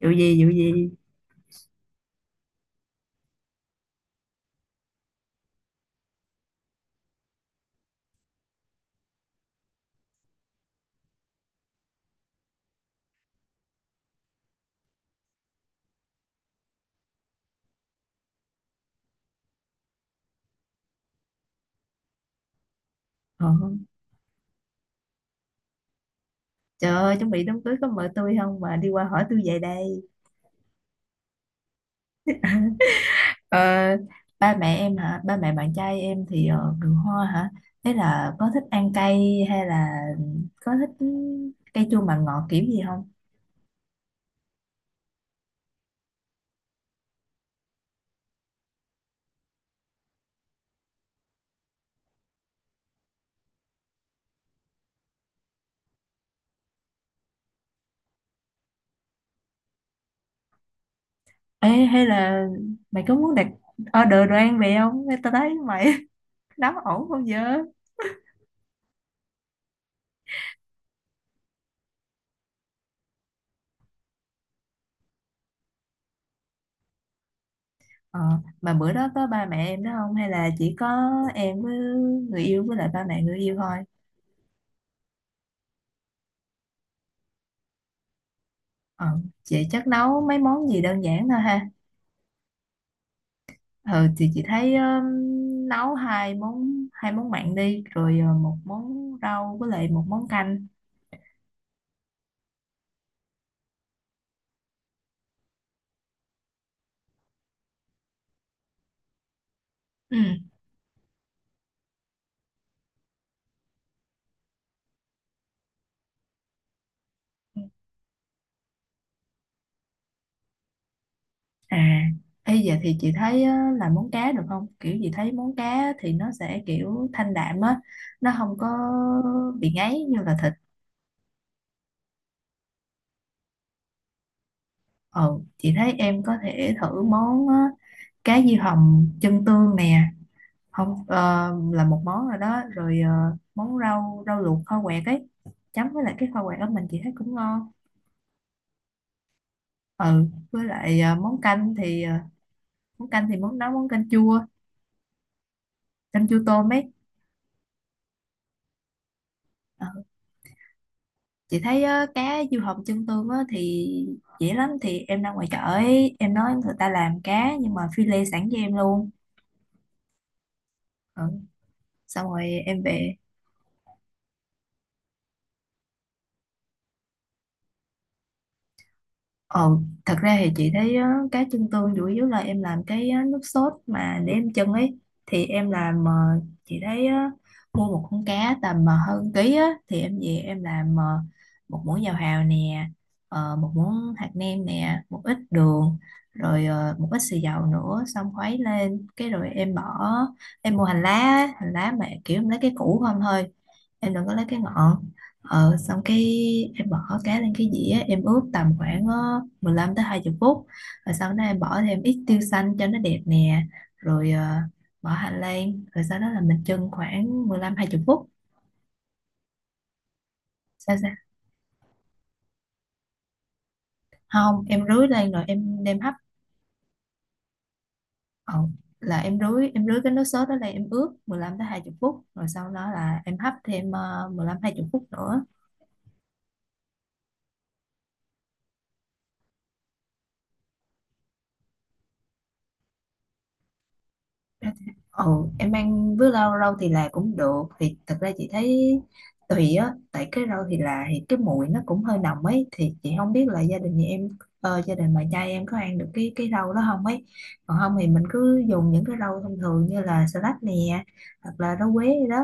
Vụ gì vụ gì? Ờ. Trời ơi, chuẩn bị đám cưới có mời tôi không mà đi qua hỏi tôi về đây? Ờ, ba mẹ em hả? Ba mẹ bạn trai em thì người Hoa hả? Thế là có thích ăn cay hay là có thích cay chua mặn ngọt kiểu gì không? Ê, hay là mày có muốn đặt order đồ ăn về không? Ê, tao thấy mày nấu ổn không giờ? Ờ, mà bữa đó có ba mẹ em đó không hay là chỉ có em với người yêu với lại ba mẹ người yêu thôi? Ờ, chị chắc nấu mấy món gì đơn giản thôi ha. Ừ, thì chị thấy nấu hai món, hai món mặn đi rồi một món rau với lại một món canh. Ừ. À, bây giờ thì chị thấy làm món cá được không? Kiểu chị thấy món cá thì nó sẽ kiểu thanh đạm á, nó không có bị ngấy như là thịt. Ừ, chị thấy em có thể thử món cá diêu hồng chân tương nè. Không, là một món rồi đó. Rồi món rau rau luộc kho quẹt ấy, chấm với lại cái kho quẹt ở mình chị thấy cũng ngon. Ừ, với lại món canh thì à, món canh thì món nấu món canh chua, canh chua tôm ấy. Ờ, chị thấy á, cá diêu hồng chân tương á, thì dễ lắm, thì em ra ngoài chợ ấy em nói người ta làm cá nhưng mà phi lê sẵn cho em luôn. Ừ. Xong rồi em về. Ờ, thật ra thì chị thấy á, cái chân tương chủ yếu là em làm cái á, nước sốt mà để em chân ấy, thì em làm chị thấy á, mua một con cá tầm hơn ký á, thì em về em làm một muỗng dầu hào nè, một muỗng hạt nêm nè, một ít đường, rồi một ít xì dầu nữa, xong khuấy lên cái rồi em bỏ. Em mua hành lá á, hành lá mà kiểu em lấy cái củ không thôi, em đừng có lấy cái ngọn. Ờ, xong cái em bỏ cá lên cái dĩa, em ướp tầm khoảng 15 tới 20 phút, rồi sau đó em bỏ thêm ít tiêu xanh cho nó đẹp nè, rồi bỏ hành lan, rồi sau đó là mình chưng khoảng 15 20 phút. Sao sao không, em rưới lên rồi em đem hấp. ờ, là em rưới cái nước sốt đó lên, em ướp 15 tới 20 phút rồi sau đó là em hấp thêm 15 20 phút nữa. Ồ, em ăn với rau rau thì là cũng được. Thì thật ra chị thấy tùy á, tại cái rau thì là thì cái mùi nó cũng hơi nồng ấy, thì chị không biết là gia đình nhà em, gia đình bà trai em có ăn được cái rau đó không ấy. Còn không thì mình cứ dùng những cái rau thông thường như là salad nè, hoặc là rau quế gì đó.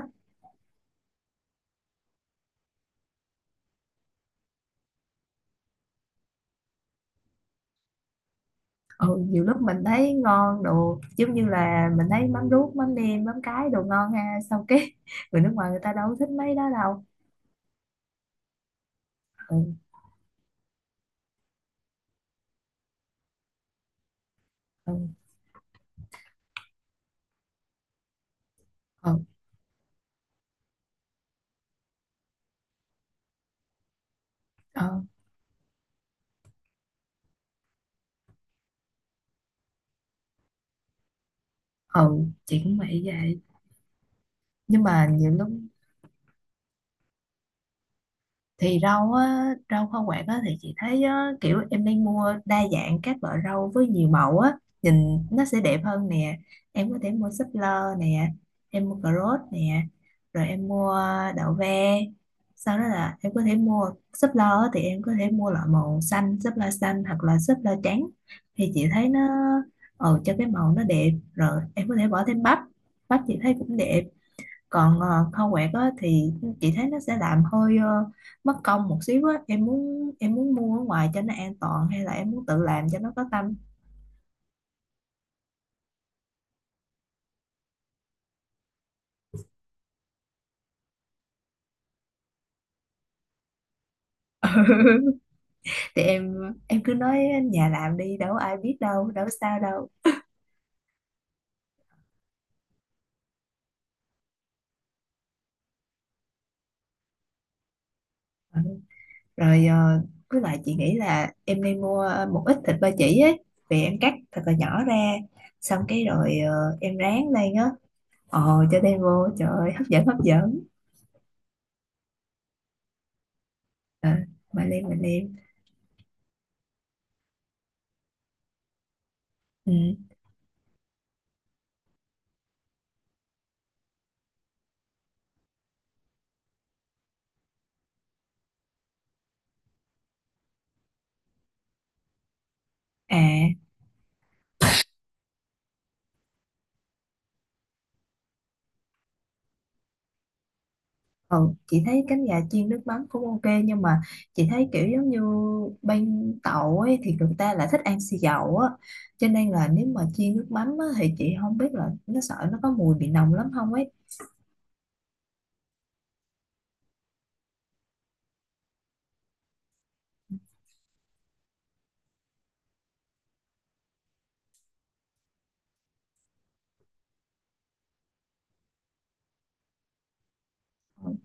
Ừ, nhiều lúc mình thấy ngon đồ giống như là mình thấy mắm ruốc mắm nêm mắm cái đồ ngon ha, sau cái người nước ngoài người ta đâu có thích mấy đó đâu. Ừ, ừ, ừ, ừ, ừ, chị cũng vậy vậy, nhưng mà nhiều lúc thì rau á, rau hoa quả á, thì chị thấy á, kiểu em nên mua đa dạng các loại rau với nhiều màu á, nhìn nó sẽ đẹp hơn nè. Em có thể mua súp lơ nè, em mua cà rốt nè, rồi em mua đậu ve, sau đó là em có thể mua súp lơ á, thì em có thể mua loại màu xanh, súp lơ xanh hoặc là súp lơ trắng, thì chị thấy nó cho cái màu nó đẹp. Rồi em có thể bỏ thêm bắp, bắp chị thấy cũng đẹp. Còn khâu quẹt á, thì chị thấy nó sẽ làm hơi mất công một xíu á, em muốn mua ở ngoài cho nó an toàn hay là em muốn tự làm cho nó có tâm? Thì em cứ nói nhà làm đi, đâu có ai biết, đâu đâu có sao đâu. Ừ. Rồi với lại chị nghĩ là em nên mua một ít thịt ba chỉ ấy, về em cắt thật là nhỏ ra, xong cái rồi em rán lên á. Ồ, cho đem vô, trời ơi, hấp dẫn hấp dẫn. Ờ, mà lên, mà lên. Ừ. À. Ừ, chị thấy cánh gà chiên nước mắm cũng ok, nhưng mà chị thấy kiểu giống như bên Tàu ấy thì người ta lại thích ăn xì dầu á, cho nên là nếu mà chiên nước mắm á, thì chị không biết là nó sợ nó có mùi bị nồng lắm không ấy. Ừ,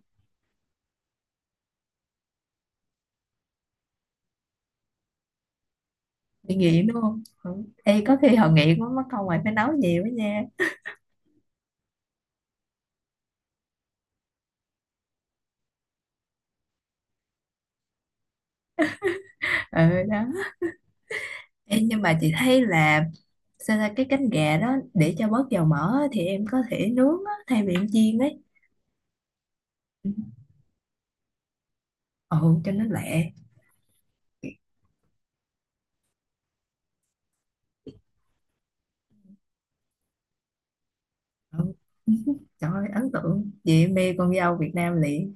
bị nghiện đúng không. Ừ. Ê, có khi họ nghiện quá mất công mày phải nấu nhiều quá nha. Ừ đó. Ê, nhưng mà chị thấy là sao ra cái cánh gà đó để cho bớt dầu mỡ á, thì em có thể nướng á, thay vì em chiên ấy. Ừ, cho nó lẹ. Ừ. Trời ơi, ấn tượng, chị mê con dâu Việt Nam liền.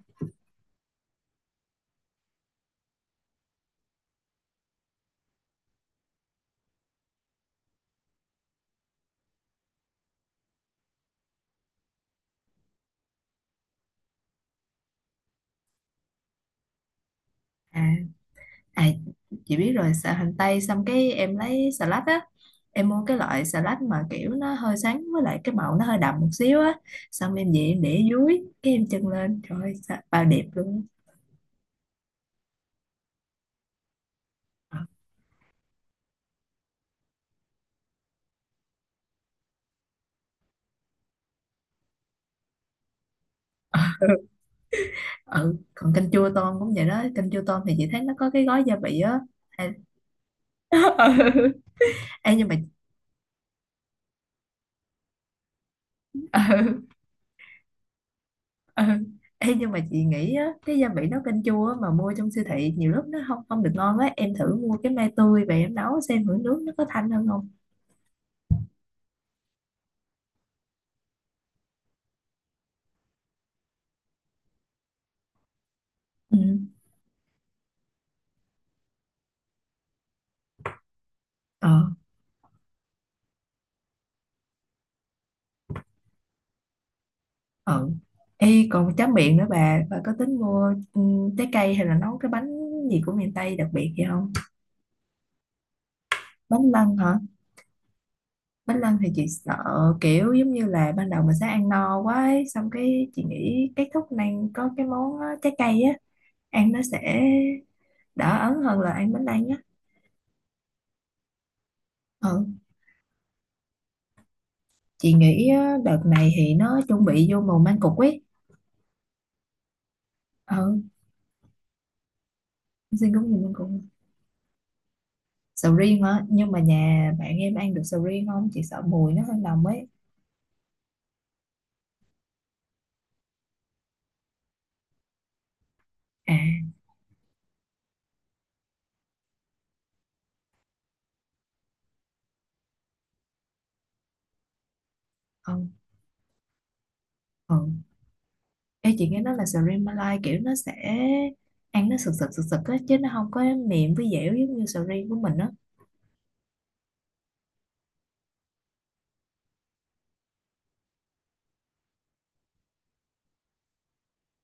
À, à, chị biết rồi. Xà hành tây xong cái em lấy xà lách á, em mua cái loại xà lách mà kiểu nó hơi sáng với lại cái màu nó hơi đậm một xíu á, xong em về em để dưới cái em chân lên, trời ơi, bao đẹp luôn. Ờ, ừ, còn canh chua tôm cũng vậy đó. Canh chua tôm thì chị thấy nó có cái gói gia vị á. Hay- Ừ. Ê, nhưng mà. Ừ. Ừ. Ê, nhưng mà chị nghĩ á, cái gia vị nấu canh chua á, mà mua trong siêu thị nhiều lúc nó không không được ngon á, em thử mua cái mai tươi về em nấu xem thử nước nó có thanh hơn không. Ừ. Ờ, ờ. Ê, còn tráng miệng nữa, bà có tính mua, ừ, trái cây hay là nấu cái bánh gì của miền Tây đặc biệt gì không? Bánh lăng hả? Bánh lăng thì chị sợ kiểu giống như là ban đầu mình sẽ ăn no quá ấy, xong cái chị nghĩ kết thúc này có cái món á, trái cây á, ăn nó sẽ đỡ ấn hơn là ăn bánh lăng nhá. Ừ. Chị nghĩ á, đợt này thì nó chuẩn bị vô mùa mang cục ấy. Ừ, xin cúng gì mang cục. Sầu riêng hả? Nhưng mà nhà bạn em ăn được sầu riêng không, chị sợ mùi nó hơi nồng ấy. À, không. Ừ. Ê, chị nghe nói là sầu riêng Malai kiểu nó sẽ ăn nó sực sực sực sực á chứ nó không có mềm với dẻo giống như sầu riêng của mình á.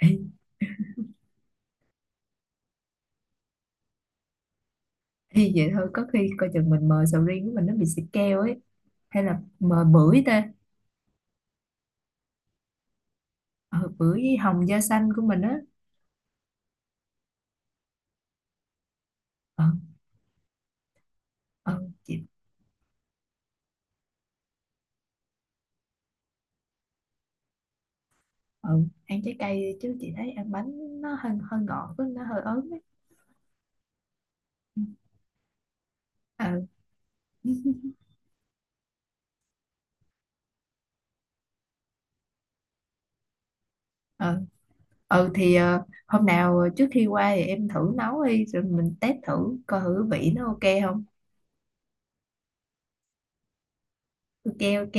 Ê, ê, vậy thôi có khi coi chừng mình mời sầu riêng của mình nó bị xịt keo ấy, hay là mời bưởi ta. Ờ, bưởi với hồng da xanh của mình á. Ờ, ờ, chị. Ừ, ăn trái cây đi chứ chị thấy ăn bánh nó hơi hơi ngọt với nó hơi ớn ấy. Ừ, ừ ừ. Ừ, thì hôm nào trước khi qua thì em thử nấu đi rồi mình test thử coi thử vị nó ok không. Ok, ok,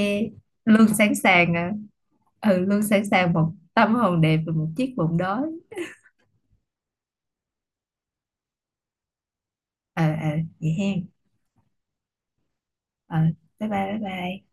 luôn sẵn sàng à. Ừ, luôn sẵn sàng một tâm hồn đẹp và một chiếc bụng đói. Ờ, ờ, vậy hen. Ờ, bye bye bye bye.